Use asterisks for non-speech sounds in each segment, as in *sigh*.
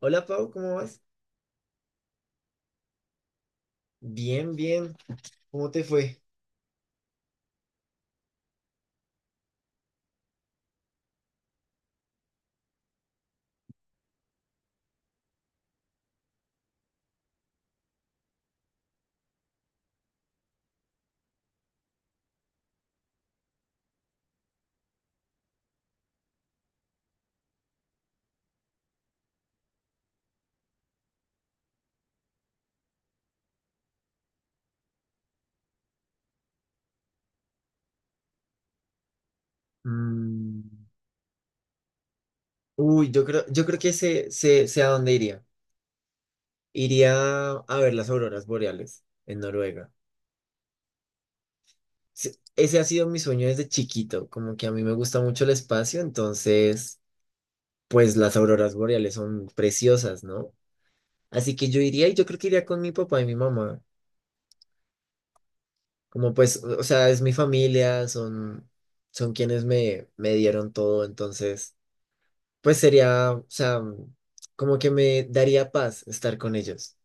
Hola Pau, ¿cómo vas? Bien, bien. ¿Cómo te fue? Mm. Uy, yo creo que sé a dónde iría. Iría a ver las auroras boreales en Noruega. Sí, ese ha sido mi sueño desde chiquito, como que a mí me gusta mucho el espacio, entonces pues las auroras boreales son preciosas, ¿no? Así que yo iría, y yo creo que iría con mi papá y mi mamá. Como pues, o sea, es mi familia, son quienes me dieron todo, entonces... Pues sería, o sea, como que me daría paz estar con ellos.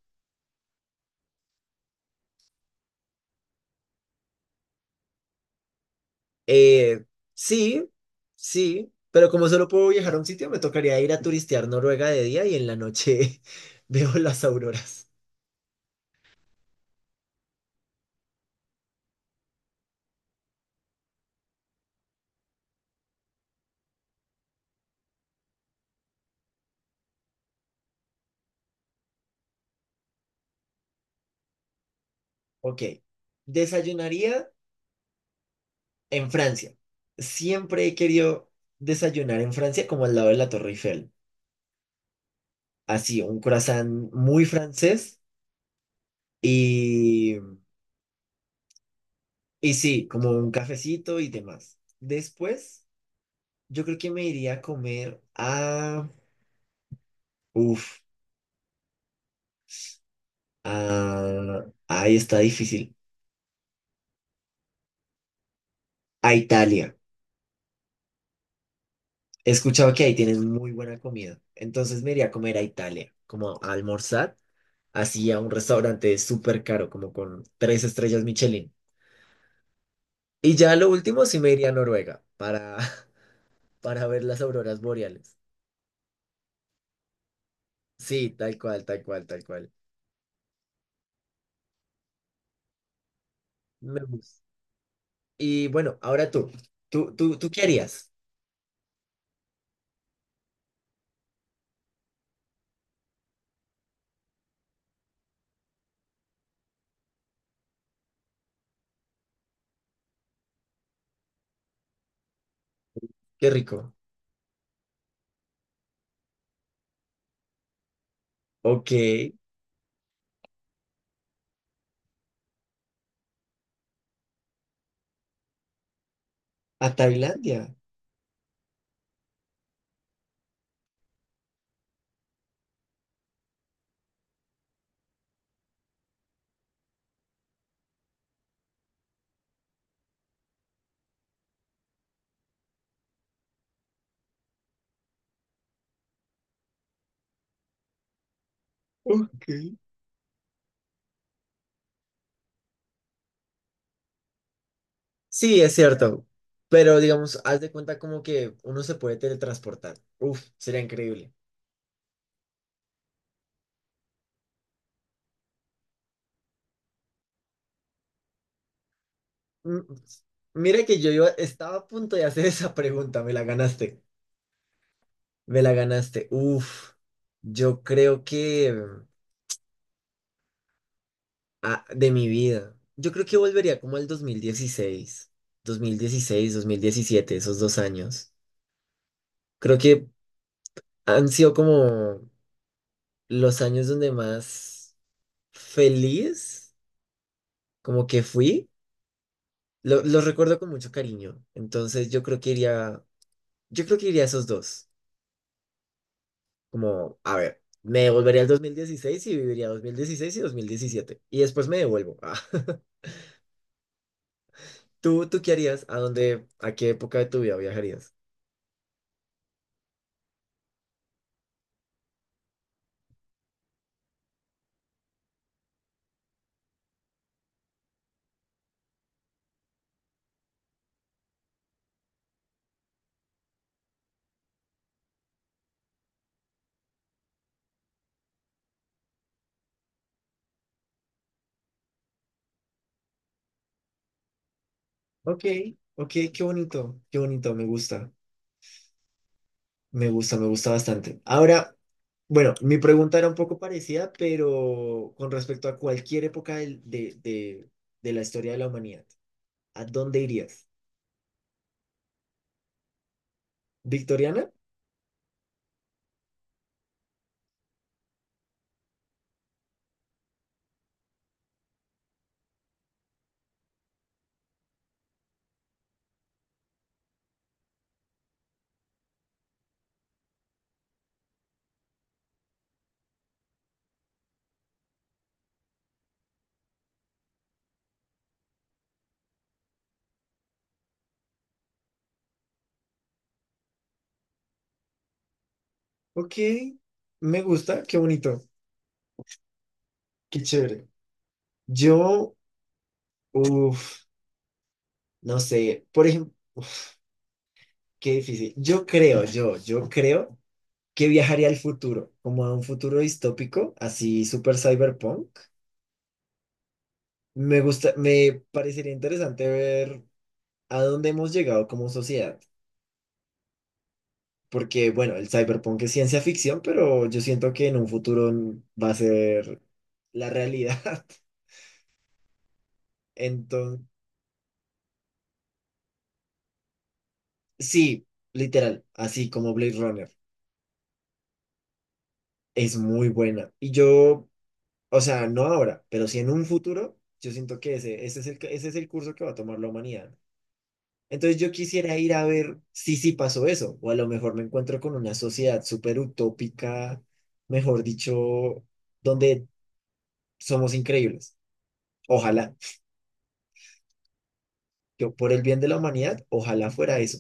Eh, sí, sí, pero como solo puedo viajar a un sitio, me tocaría ir a turistear Noruega de día y en la noche *laughs* veo las auroras. Ok, desayunaría en Francia. Siempre he querido desayunar en Francia como al lado de la Torre Eiffel. Así, un croissant muy francés y, y sí, como un cafecito y demás. Después... Yo creo que me iría a comer a... Uf, a... Ahí está difícil. A Italia. He escuchado que ahí tienen muy buena comida. Entonces me iría a comer a Italia, como a almorzar, así a un restaurante súper caro, como con tres estrellas Michelin. Y ya lo último sí me iría a Noruega para, *laughs* para ver las auroras boreales. Sí, tal cual, tal cual, tal cual. Me gusta. Y bueno, ahora tú. ¿Tú qué harías? Qué rico. Ok. A Tailandia. Ok. Sí, es cierto. Pero digamos, haz de cuenta como que uno se puede teletransportar. Uf, sería increíble. Mm. Mira que estaba a punto de hacer *laughs* esa pregunta, me la ganaste. Me la ganaste. Uf, yo creo que de mi vida. Yo creo que volvería como al dos mil dieciséis, 2016, 2017, esos dos años. Creo que han sido como los años donde más feliz como que fui. Los recuerdo con mucho cariño. Entonces yo creo que iría a esos dos. Como, a ver, me devolvería al 2016 y viviría 2016 y 2017. Y después me devuelvo. Ah, *laughs* ¿Tú qué harías? ¿A dónde, a qué época de tu vida viajarías? Ok, ok, qué bonito, me gusta, me gusta, me gusta bastante. Ahora, bueno, mi pregunta era un poco parecida, pero con respecto a cualquier época de la historia de la humanidad, ¿a dónde irías? ¿Victoriana? Ok, me gusta, qué bonito, qué chévere. Yo, uff, no sé, por ejemplo, qué difícil. Yo creo que viajaría al futuro, como a un futuro distópico, así super cyberpunk. Me gusta, me parecería interesante ver a dónde hemos llegado como sociedad, porque bueno, el cyberpunk es ciencia ficción, pero yo siento que en un futuro va a ser la realidad. *laughs* Entonces, sí, literal, así como Blade Runner. Es muy buena. Y yo, o sea, no ahora, pero sí en un futuro, yo siento que ese es el curso que va a tomar la humanidad. Entonces yo quisiera ir a ver si sí pasó eso, o a lo mejor me encuentro con una sociedad súper utópica, mejor dicho, donde somos increíbles. Ojalá, yo por el bien de la humanidad, ojalá fuera eso.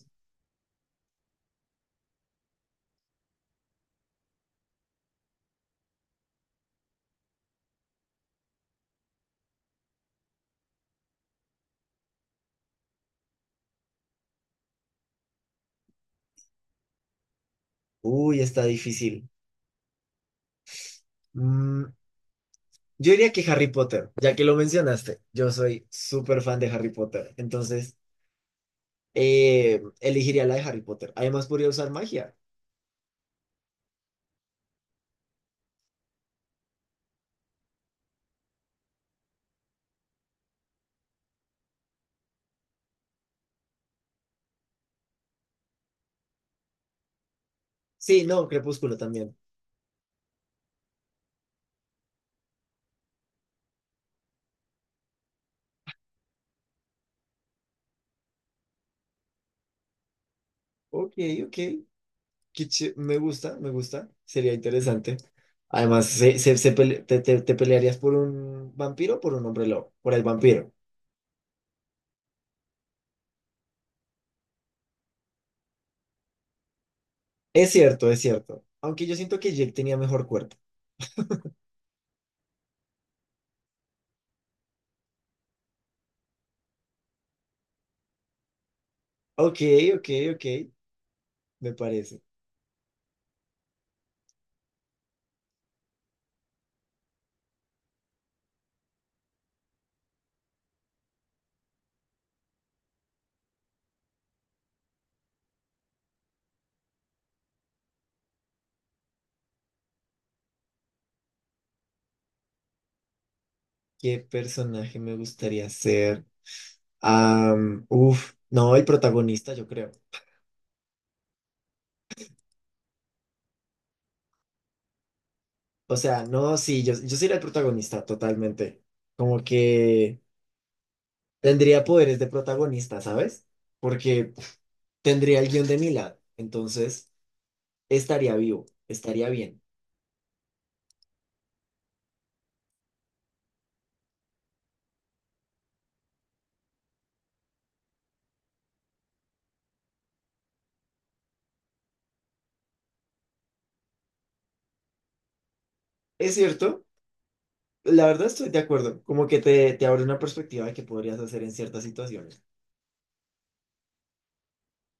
Uy, está difícil. Mm, yo diría que Harry Potter, ya que lo mencionaste, yo soy súper fan de Harry Potter, entonces... elegiría la de Harry Potter. Además, podría usar magia. Sí, no, Crepúsculo también. Ok, ok. Qué ché-. Me gusta, me gusta. Sería interesante. Además, se- se- se pele- te- te pelearías por un vampiro o por un hombre lobo. Por el vampiro. Es cierto, es cierto. Aunque yo siento que Jake tenía mejor cuerpo. Ok, ok, ok. Me parece. ¿Qué personaje me gustaría ser? Am, uf, no, el protagonista, yo creo. O sea, no, sí, yo sería el protagonista totalmente. Como que tendría poderes de protagonista, ¿sabes? Porque tendría el guión de mi lado. Entonces, estaría vivo, estaría bien. Es cierto, la verdad estoy de acuerdo. Como que te abre una perspectiva de qué podrías hacer en ciertas situaciones.